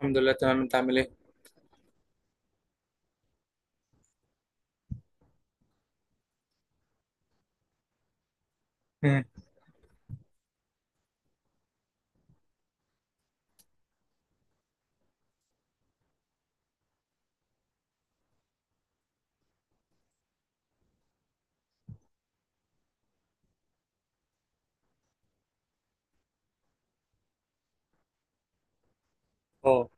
الحمد لله تمام. انت عامل ايه؟ مم. اه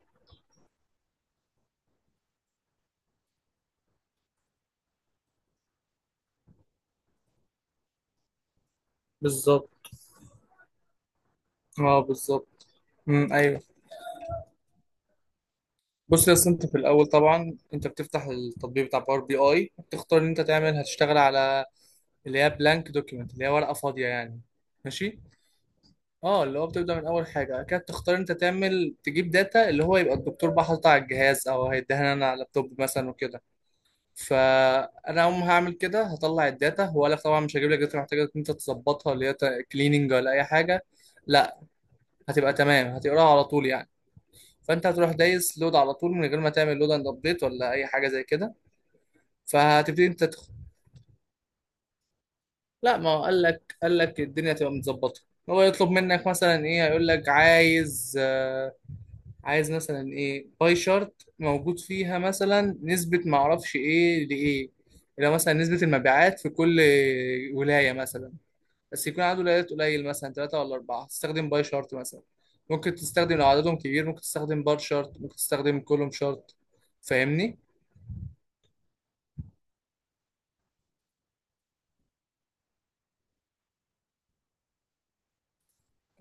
بالظبط. اه بالظبط. مم. ايوه. بص يا أصل انت في الاول طبعا انت بتفتح التطبيق بتاع باور بي اي، بتختار ان انت تعمل هتشتغل على اللي هي بلانك دوكيمنت، اللي هي ورقه فاضيه يعني. ماشي. اه اللي هو بتبدا من اول حاجه، بعد كده تختار انت تعمل تجيب داتا اللي هو يبقى الدكتور بقى حاططها على الجهاز او هيديها لنا انا على اللابتوب مثلا وكده. فانا اول ما هعمل كده هطلع الداتا، وقال لك طبعا مش هجيب لك داتا محتاجه ان انت تظبطها اللي هي كليننج ولا اي حاجه. لا هتبقى تمام، هتقراها على طول يعني. فانت هتروح دايس لود على طول من غير ما تعمل لود اند ابديت ولا اي حاجه زي كده. فهتبتدي انت تدخل. لا ما هو قال لك، الدنيا تبقى متظبطه. هو يطلب منك مثلا ايه، هيقول لك عايز عايز مثلا ايه باي شارت موجود فيها مثلا نسبه، ما اعرفش ايه لايه. لو مثلا نسبه المبيعات في كل ولايه مثلا، بس يكون عدد الولايات قليل مثلا ثلاثة ولا أربعة، تستخدم باي شارت مثلا. ممكن تستخدم لو عددهم كبير ممكن تستخدم بار شارت، ممكن تستخدم كولوم شارت. فاهمني؟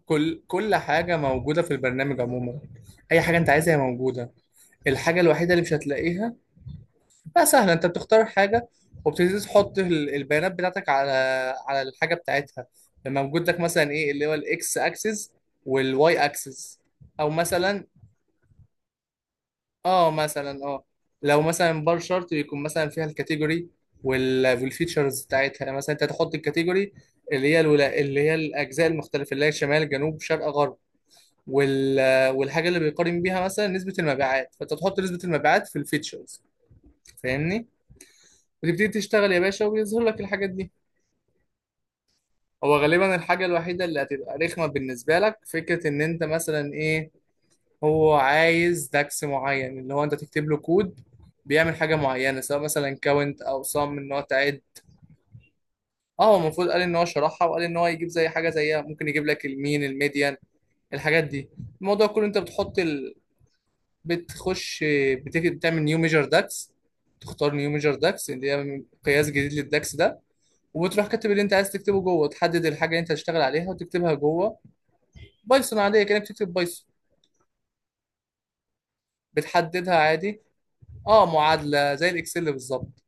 كل حاجة موجودة في البرنامج عموما، أي حاجة أنت عايزها هي موجودة. الحاجة الوحيدة اللي مش هتلاقيها بقى سهلة. أنت بتختار حاجة وبتبتدي تحط البيانات بتاعتك على على الحاجة بتاعتها، لما موجود لك مثلا إيه اللي هو الإكس أكسس والواي أكسس. أو مثلا، اه مثلا اه، لو مثلا بار شارت يكون مثلا فيها الكاتيجوري والفيتشرز بتاعتها، يعني مثلا انت تحط الكاتيجوري اللي هي اللي هي الاجزاء المختلفه، اللي هي شمال جنوب شرق غرب وال... والحاجه اللي بيقارن بيها مثلا نسبه المبيعات، فانت تحط نسبه المبيعات في الفيتشرز. فاهمني؟ وتبتدي تشتغل يا باشا وبيظهر لك الحاجات دي. هو غالبا الحاجه الوحيده اللي هتبقى رخمه بالنسبه لك فكره ان انت مثلا ايه، هو عايز داكس معين اللي هو انت تكتب له كود بيعمل حاجه معينه سواء مثلا كاونت او صم، ان هو تعد. اه هو المفروض قال ان هو شرحها، وقال ان هو يجيب زي حاجه زيها، ممكن يجيب لك المين الميديان الحاجات دي. الموضوع كله انت بتحط بتخش، بتعمل نيو ميجر داكس. تختار نيو ميجر داكس، اللي هي قياس جديد للداكس ده، وبتروح كاتب اللي انت عايز تكتبه جوه، تحدد الحاجه اللي انت هتشتغل عليها وتكتبها جوه. بايثون عاديه، كانك بتكتب بايثون. بتحددها عادي. اه معادله زي الاكسل بالظبط.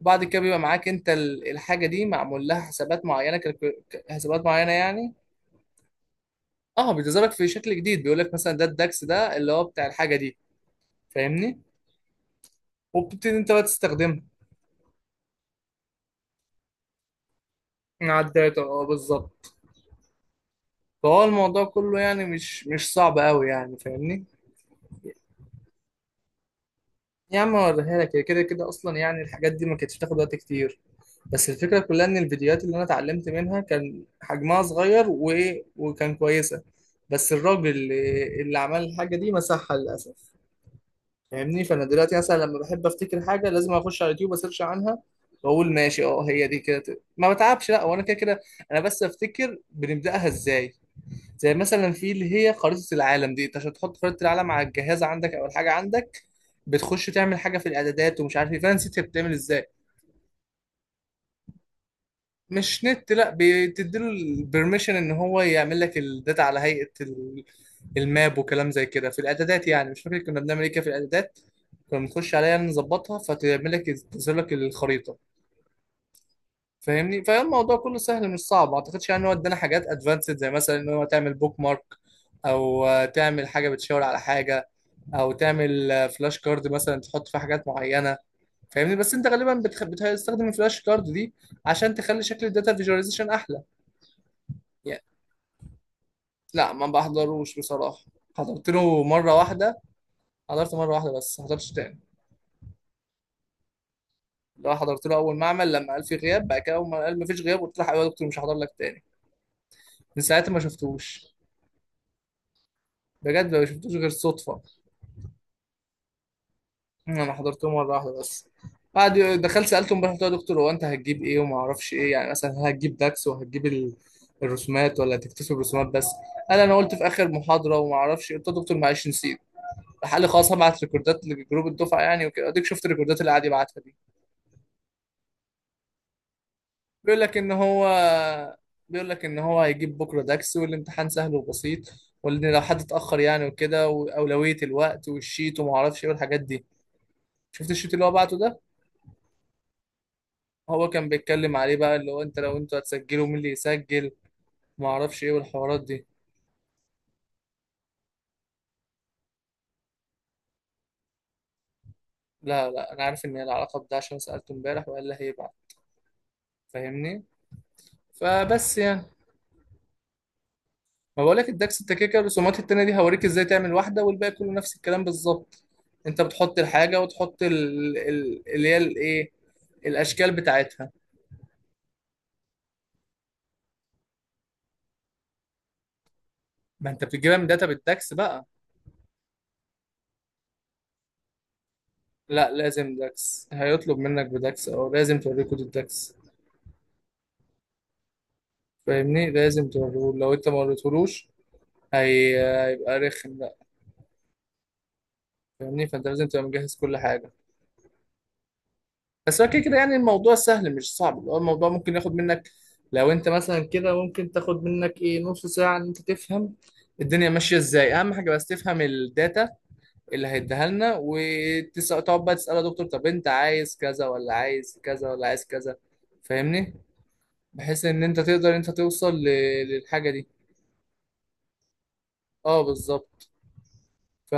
وبعد كده بيبقى معاك انت الحاجه دي معمول لها حسابات معينه، حسابات معينه يعني. اه بتظهرك في شكل جديد، بيقول لك مثلا ده الداكس، ده اللي هو بتاع الحاجه دي. فاهمني؟ وبتبتدي انت بقى تستخدمها مع الداتا. اه بالظبط. فهو الموضوع كله يعني مش صعب قوي يعني. فاهمني؟ يا عم اوريها لك، هي كده كده اصلا يعني الحاجات دي ما كانتش بتاخد وقت كتير. بس الفكره كلها ان الفيديوهات اللي انا اتعلمت منها كان حجمها صغير وايه، وكان كويسه. بس الراجل اللي عمل الحاجه دي مسحها للاسف. فاهمني؟ فانا دلوقتي مثلا لما بحب افتكر حاجه لازم اخش على اليوتيوب اسيرش عنها. واقول ماشي اه هي دي كده، ما بتعبش، لا وانا كده كده. انا بس افتكر بنبداها ازاي، زي مثلا في اللي هي خريطه العالم دي. انت عشان تحط خريطه العالم على الجهاز عندك او الحاجه عندك، بتخش تعمل حاجه في الاعدادات ومش عارف ايه، فانا نسيت هي بتعمل ازاي. مش نت لا، بتديله البرميشن ان هو يعمل لك الداتا على هيئة الماب وكلام زي كده في الاعدادات، يعني مش فاكر كنا بنعمل ايه كده في الاعدادات. كنا بنخش عليها يعني نظبطها فتعمل لك، تظهر لك الخريطة. فاهمني؟ فالموضوع كله سهل مش صعب. ما اعتقدش يعني ان هو ادانا حاجات ادفانسد، زي مثلا ان هو تعمل بوك مارك، او تعمل حاجة بتشاور على حاجة، او تعمل فلاش كارد مثلا تحط فيها حاجات معينة. فاهمني؟ بس انت غالبا بتستخدم الفلاش كارد دي عشان تخلي شكل الداتا فيجواليزيشن احلى يعني. لا ما بحضروش بصراحة، حضرت له مرة واحدة. حضرت مرة واحدة بس، ما حضرتش تاني. لو حضرت له أول معمل لما قال في غياب، بعد كده أول ما قال مفيش غياب قلت له حبيبي يا دكتور مش هحضر لك تاني. من ساعتها ما شفتوش. بجد ما شفتوش غير صدفة. أنا حضرت له مرة واحدة بس. بعد دخلت سألته امبارح قلت له يا دكتور هو أنت هتجيب إيه وما أعرفش إيه، يعني مثلا هل هتجيب داكس وهتجيب الرسومات ولا هتكتسب الرسومات بس. قال أنا قلت في آخر محاضرة وما أعرفش إيه. قلت له يا دكتور معلش نسيت. راح قال لي خلاص هبعت ريكوردات لجروب الدفعة يعني وكده، أديك شفت الريكوردات اللي قاعد يبعتها دي. بيقول لك ان هو، بيقول لك ان هو هيجيب بكره داكس والامتحان سهل وبسيط، وان لو حد اتاخر يعني وكده، واولويه الوقت والشيت وما اعرفش ايه والحاجات دي. شفت الشيت اللي هو بعته ده، هو كان بيتكلم عليه بقى اللي هو انت لو انتوا هتسجلوا مين اللي يسجل. ما اعرفش ايه والحوارات دي. لا لا انا عارف ان هي العلاقه بده عشان سالته امبارح وقال لي هيبعت. فاهمني؟ فبس يعني، ما بقولك الدكس انت كده كده الرسومات التانية دي هوريك ازاي تعمل واحدة والباقي كله نفس الكلام بالظبط. انت بتحط الحاجة وتحط اللي هي الايه، الاشكال بتاعتها. ما انت بتجيبها من داتا بالدكس بقى. لا لازم دكس، هيطلب منك بدكس او لازم توريه كود الدكس. فاهمني؟ لازم توريه، لو انت ما وريتهولوش هيبقى رخم بقى. فاهمني؟ فانت لازم تبقى مجهز كل حاجة. بس هو كده كده يعني الموضوع سهل مش صعب، اللي هو الموضوع ممكن ياخد منك، لو انت مثلا كده ممكن تاخد منك ايه، نص ساعة ان انت تفهم الدنيا ماشية ازاي. اهم حاجة بس تفهم الداتا اللي هيديها لنا، وتقعد بقى تسأله يا دكتور طب انت عايز كذا ولا عايز كذا ولا عايز كذا. فاهمني؟ بحيث ان انت تقدر ان انت توصل للحاجة دي. اه بالظبط. ف،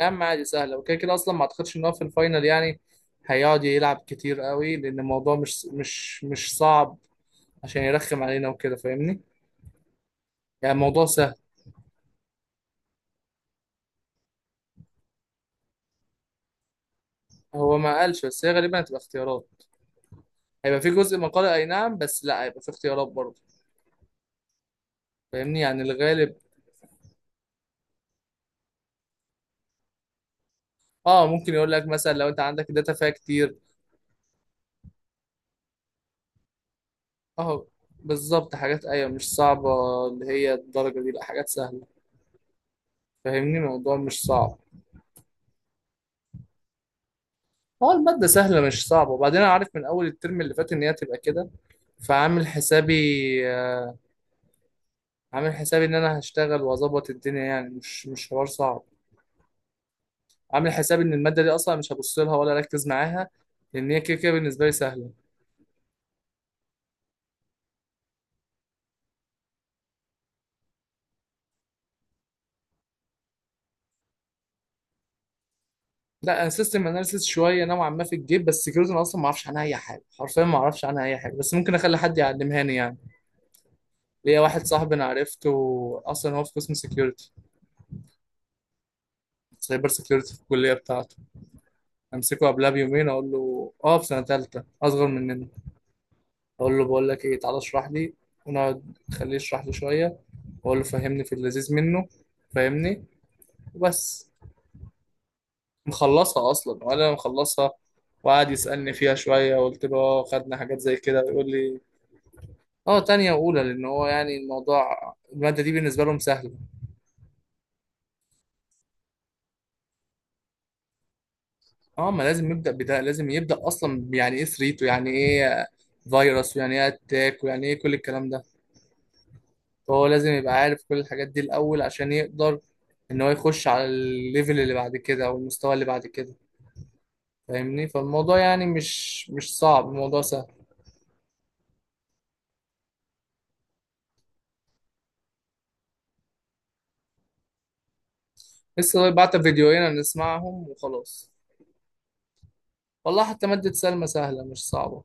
يا عم عادي سهلة وكده كده اصلا. ما اعتقدش ان هو في الفاينل يعني هيقعد يلعب كتير قوي، لان الموضوع مش صعب عشان يرخم علينا وكده. فاهمني؟ يعني الموضوع سهل. هو ما قالش، بس هي غالبا هتبقى اختيارات. هيبقى في جزء مقالي اي نعم، بس لا هيبقى في اختيارات برضه. فاهمني؟ يعني الغالب اه ممكن يقول لك مثلا لو انت عندك الداتا فيها كتير. اه بالظبط حاجات، ايوه مش صعبة، اللي هي الدرجة دي لا حاجات سهلة. فاهمني؟ الموضوع مش صعب. هو المادة سهلة مش صعبة، وبعدين انا عارف من اول الترم اللي فات ان هي هتبقى كده. فعامل حسابي، آه، عامل حسابي ان انا هشتغل واظبط الدنيا يعني، مش حوار صعب. عامل حسابي ان الماده دي اصلا مش هبص لها ولا اركز معاها، لان هي كده كده بالنسبه لي سهله. لا انا سيستم اناليسيس شويه نوعا ما في الجيب، بس سكيورتي انا اصلا ما اعرفش عنها اي حاجه، حرفيا ما اعرفش عنها اي حاجه، بس ممكن اخلي حد يعلمها لي يعني. ليا واحد صاحبي انا عرفته اصلا هو في قسم سكيورتي، سايبر سكيورتي في الكليه بتاعته. امسكه قبلها بيومين اقول له اه، في سنه ثالثه اصغر مننا، اقول له بقول لك ايه تعالى اشرح لي، ونقعد خليه يشرح لي شويه، واقول له فهمني في اللذيذ منه. فاهمني؟ وبس. مخلصها اصلا وانا مخلصها. وقعد يسالني فيها شويه قلت له اه خدنا حاجات زي كده، يقول لي اه تانية واولى، لان هو يعني الموضوع الماده دي بالنسبه لهم سهله. اه ما لازم يبدا بده، لازم يبدا اصلا يعني ايه ثريت، ويعني ايه فيروس، ويعني ايه اتاك، ويعني ايه كل الكلام ده. فهو لازم يبقى عارف كل الحاجات دي الاول، عشان يقدر ان هو يخش على الليفل اللي بعد كده او المستوى اللي بعد كده. فاهمني؟ فالموضوع يعني مش صعب، الموضوع سهل. لسه بعت فيديوهين نسمعهم وخلاص. والله حتى مادة سلمى سهلة مش صعبة.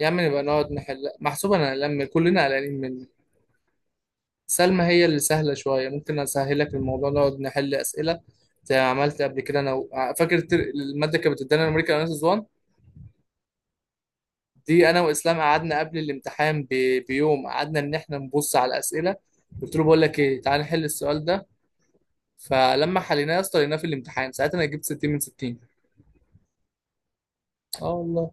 يا عم نبقى نقعد نحل محسوب، انا هلم كلنا قلقانين مني. سلمى هي اللي سهلة شوية، ممكن اسهلك الموضوع نقعد نحل اسئلة زي ما عملت قبل كده انا و... فاكر المادة كانت بتدينا امريكا وناس زوان دي، انا واسلام قعدنا قبل الامتحان بيوم، قعدنا ان احنا نبص على الاسئلة، قلت له بقول لك ايه تعال نحل السؤال ده، فلما حليناه يا اسطى لقيناه في الامتحان، ساعتها انا جبت 60 من 60. اه والله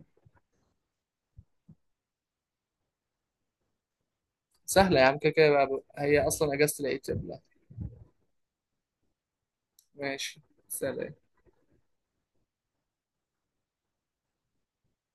سهلة يا عم، كده كده بقى- هي اصلا اجازة العيد يا بلاد. ماشي. سلام.